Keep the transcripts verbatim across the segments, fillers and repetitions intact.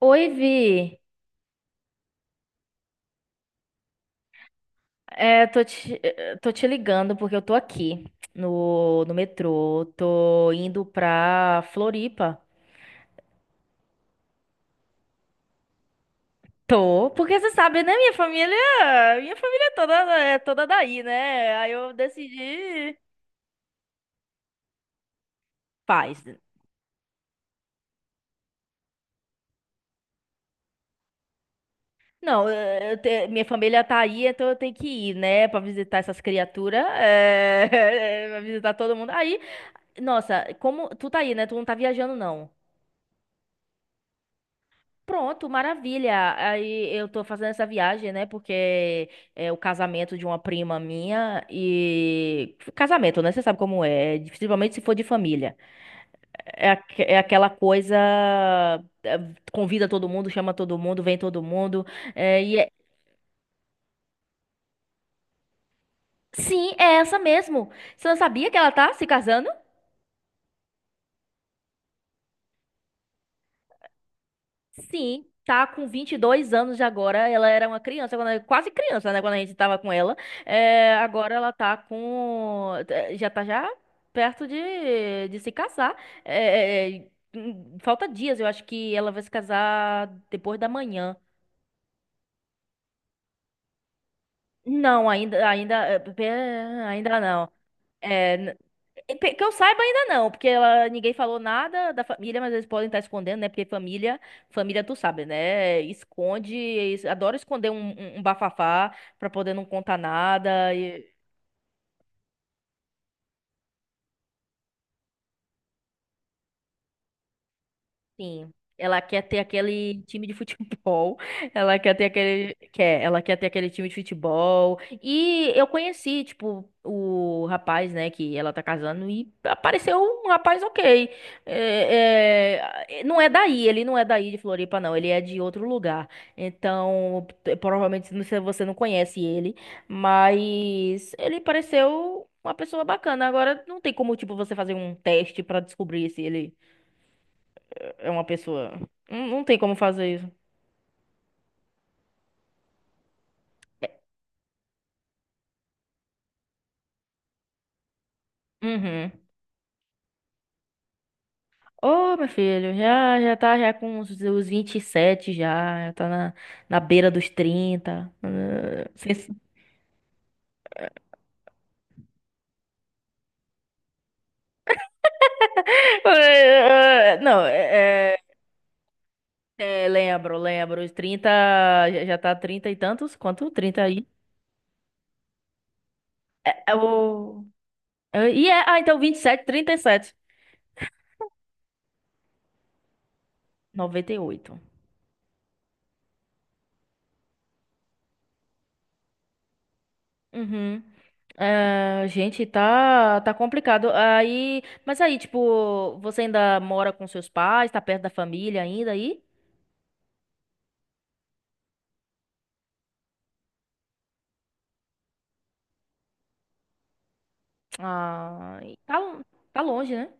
Oi, Vi. É, tô te, eh, tô te ligando porque eu tô aqui no, no metrô. Tô indo pra Floripa. Tô, porque você sabe, né? Minha família, minha família é toda é toda daí, né? Aí eu decidi. Paz. Não, eh, eu te- minha família tá aí, então eu tenho que ir, né? Pra visitar essas criaturas. É, pra visitar todo mundo. Aí, nossa, como tu tá aí, né? Tu não tá viajando, não. Pronto, maravilha. Aí eu tô fazendo essa viagem, né? Porque é o casamento de uma prima minha e casamento, né? Você sabe como é, principalmente se for de família. É, aque- é aquela coisa, é, convida todo mundo, chama todo mundo, vem todo mundo. É, e é- sim, é essa mesmo. Você não sabia que ela tá se casando? Sim, tá com vinte e dois anos de agora. Ela era uma criança, quando- quase criança, né? Quando a gente tava com ela. É, agora ela tá com. eh, Já tá já perto de, de se casar. É, é, é, hum, falta dias, eu acho que ela vai se casar depois da manhã. Não, ainda, ainda, eh, pe- ainda não. E pe- Que eu saiba ainda não, porque ela, ninguém falou nada da família, mas eles podem estar escondendo, né? Porque família, família tu sabe, né? Esconde, es- adora esconder um, um um bafafá pra poder não contar nada. Sim. Ela quer ter aquele time de futebol. Ela quer ter aquele. Quer, ela quer ter aquele time de futebol. E eu conheci, tipo, o rapaz, né, que ela tá casando, e apareceu um rapaz ok. É, é, não é daí, ele não é daí de Floripa, não. Ele é de outro lugar. Então, t- provavelmente não sei- você não conhece ele, mas ele pareceu uma pessoa bacana. Agora, não tem como, tipo, você fazer um teste pra descobrir se ele é uma pessoa. Não, não tem como fazer isso. Uhum. Ô, meu filho, já, já tá já com os, os vinte e sete já, já tá na, na beira dos trinta. Ah, sem- Ah, não, é, é, é, lembro, lembro, os trinta já, já tá trinta e tantos, quanto trinta aí? É o... É, e é, ah, então vinte e sete, trinta e sete, noventa e oito. Uhum. Ah, gente, tá, tá complicado. Aí, mas aí, tipo, você ainda mora com seus pais, tá perto da família ainda aí? Ah, e tá, tá longe, né?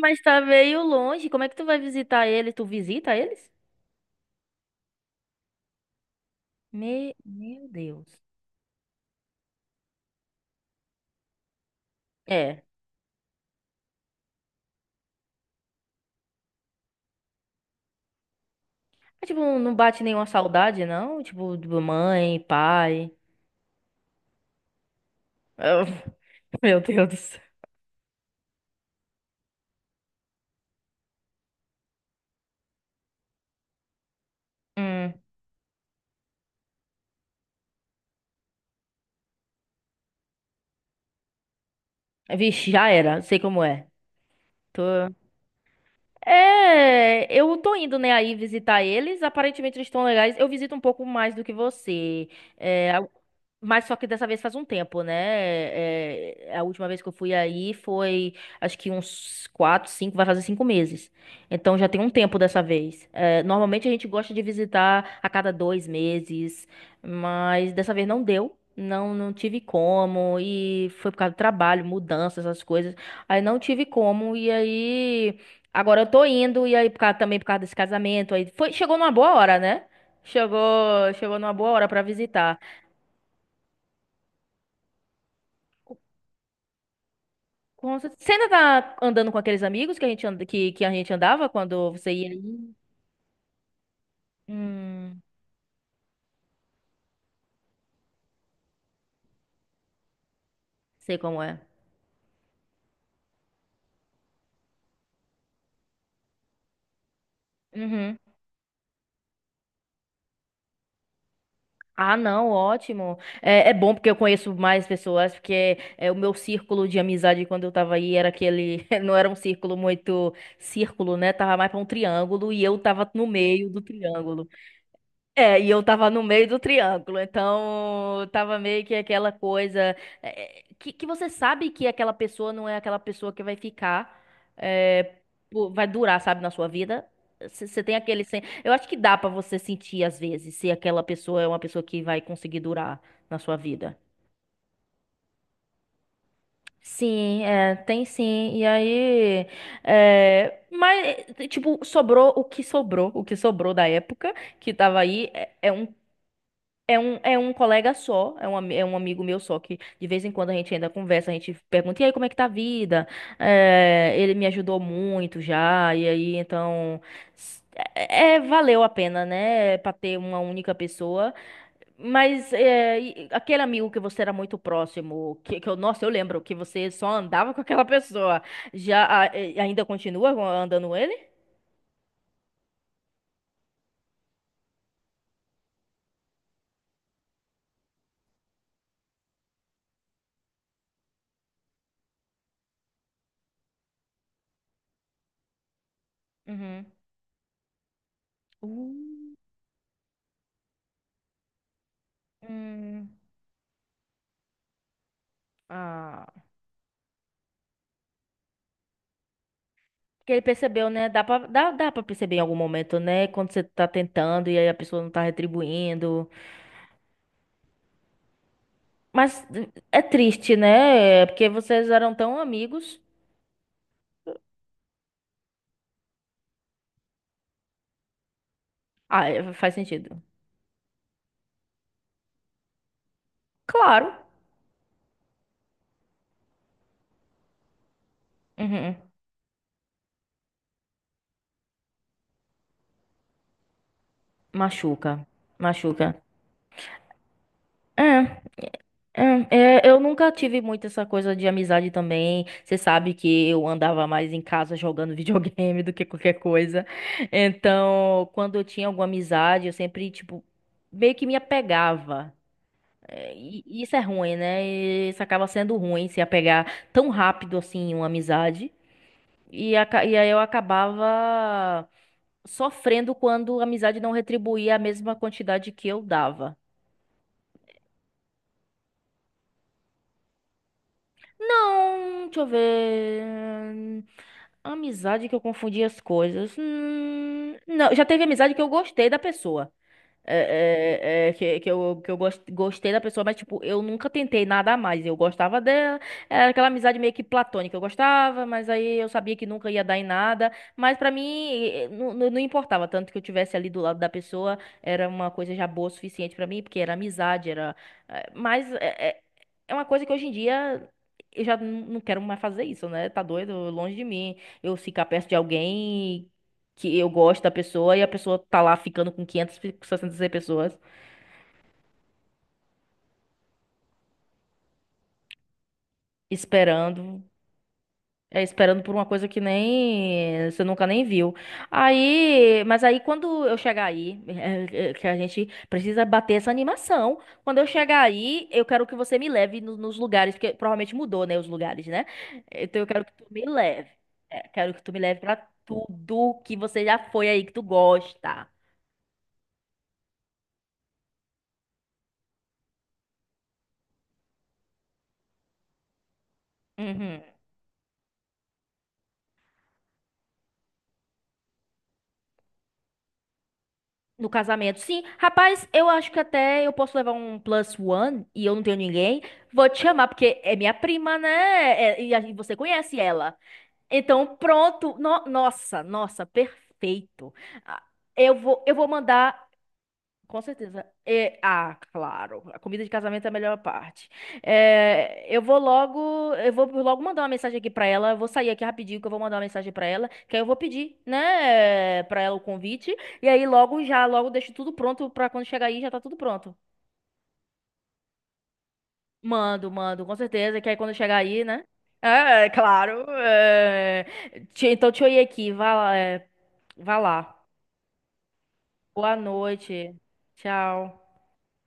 Mas tá meio longe. Como é que tu vai visitar eles? Tu visita eles? Me- Meu Deus. É. Mas, tipo, não bate nenhuma saudade, não? Tipo, de mãe, pai. Ah, Meu Deus do céu. Hum. Vixe, já era. Sei como é. Tô. É, eu tô indo, né, aí visitar eles. Aparentemente eles estão legais. Eu visito um pouco mais do que você. É, a- mas só que dessa vez faz um tempo, né? É, é, a última vez que eu fui aí foi, acho que uns quatro, cinco, vai fazer cinco meses. Então já tem um tempo dessa vez. É, normalmente a gente gosta de visitar a cada dois meses, mas dessa vez não deu. Não, não tive como, e foi por causa do trabalho, mudanças, essas coisas. Aí não tive como, e aí. Agora eu tô indo, e aí por causa- também por causa desse casamento, aí foi, chegou numa boa hora, né? Chegou, chegou numa boa hora pra visitar. Com cer- Você ainda tá andando com aqueles amigos que a gente, anda- que, que a gente andava quando você ia aí? Hum, sei como é. Uhum. Ah, não, ótimo. É, é bom porque eu conheço mais pessoas, porque é, o meu círculo de amizade quando eu tava aí era aquele, não era um círculo muito círculo, né? Tava mais pra um triângulo e eu tava no meio do triângulo. É, e eu tava no meio do triângulo, então tava meio que aquela coisa, é, é, que, que você sabe que aquela pessoa não é aquela pessoa que vai ficar, é, pô, vai durar, sabe, na sua vida. Você tem aquele. sen- Eu acho que dá pra você sentir às vezes se aquela pessoa é uma pessoa que vai conseguir durar na sua vida. Sim, é, tem sim. E aí, é, mas, eh, tipo, sobrou o que sobrou, o que sobrou da época que tava aí. é é um É um, é um colega só, é um, ami- é um amigo meu só, que de vez em quando a gente ainda conversa, a gente pergunta, e aí, como é que tá a vida? Eh, ele me ajudou muito já, e aí, então, s- é, é- valeu a pena, né, pra ter uma única pessoa, mas eh, e- aquele amigo que você era muito próximo, que, que eu, nossa, eu lembro que você só andava com aquela pessoa, já ah, eh, ainda continua andando ele? Uhum. Uh, hum, ah. Porque ele percebeu, né? Dá pra, dá, dá pra perceber em algum momento, né? Quando você tá tentando e aí a pessoa não tá retribuindo. Mas é triste, né? É porque vocês eram tão amigos. Ah, é, faz sentido. Claro. Uhum. Machuca. Machuca. É, é, é, eu nunca tive muito essa coisa de amizade também. Você sabe que eu andava mais em casa jogando videogame do que qualquer coisa. Então, quando eu tinha alguma amizade, eu sempre, tipo, meio que me apegava. É, e- e isso é ruim, né? E isso acaba sendo ruim se apegar tão rápido assim em uma amizade. E, aca- e aí eu acabava sofrendo quando a amizade não retribuía a mesma quantidade que eu dava. Não, deixa eu ver. hum, Amizade que eu confundi as coisas. Hum, não, já teve amizade que eu gostei da pessoa. É, é, é, que, que eu, que eu gos- gostei da pessoa, mas, tipo, eu nunca tentei nada a mais. Eu gostava dela, era aquela amizade meio que platônica. Eu gostava, mas aí eu sabia que nunca ia dar em nada. Mas pra mim, eh, não, não não importava. Tanto que eu tivesse ali do lado da pessoa, era uma coisa já boa o suficiente pra mim, porque era amizade, era. eh, Mas é, é, é uma coisa que hoje em dia. Eu já n- não quero mais fazer isso, né? Tá doido, longe de mim. Eu ficar perto de alguém que eu gosto da pessoa e a pessoa tá lá ficando com quinhentas, seiscentas pessoas esperando, é, esperando por uma coisa que nem você nunca nem viu. Aí, mas aí quando eu chegar aí, é, é, que a gente precisa bater essa animação. Quando eu chegar aí, eu quero que você me leve no- nos lugares, porque provavelmente mudou, né, os lugares, né? Então eu quero que tu me leve. É, quero que tu me leve pra tudo que você já foi aí que tu gosta. Uhum. No casamento, sim. Rapaz, eu acho que até eu posso levar um plus one e eu não tenho ninguém. Vou te chamar, porque é minha prima, né? É- e a- e você conhece ela. Então, pronto. No- nossa, nossa, perfeito. Ah, eu vou, eu vou mandar. Com certeza. E, ah, claro. A comida de casamento é a melhor parte. É, eu vou logo, eu vou logo mandar uma mensagem aqui pra ela. Eu vou sair aqui rapidinho que eu vou mandar uma mensagem pra ela, que aí eu vou pedir, né, pra ela o convite. E aí logo já, logo deixo tudo pronto pra quando chegar aí já tá tudo pronto. Mando, mando, com certeza. Que aí quando chegar aí, né? É, é, claro. É. Te- Então, te olhei aqui. Vá lá, é, vá lá. Boa noite. Tchau.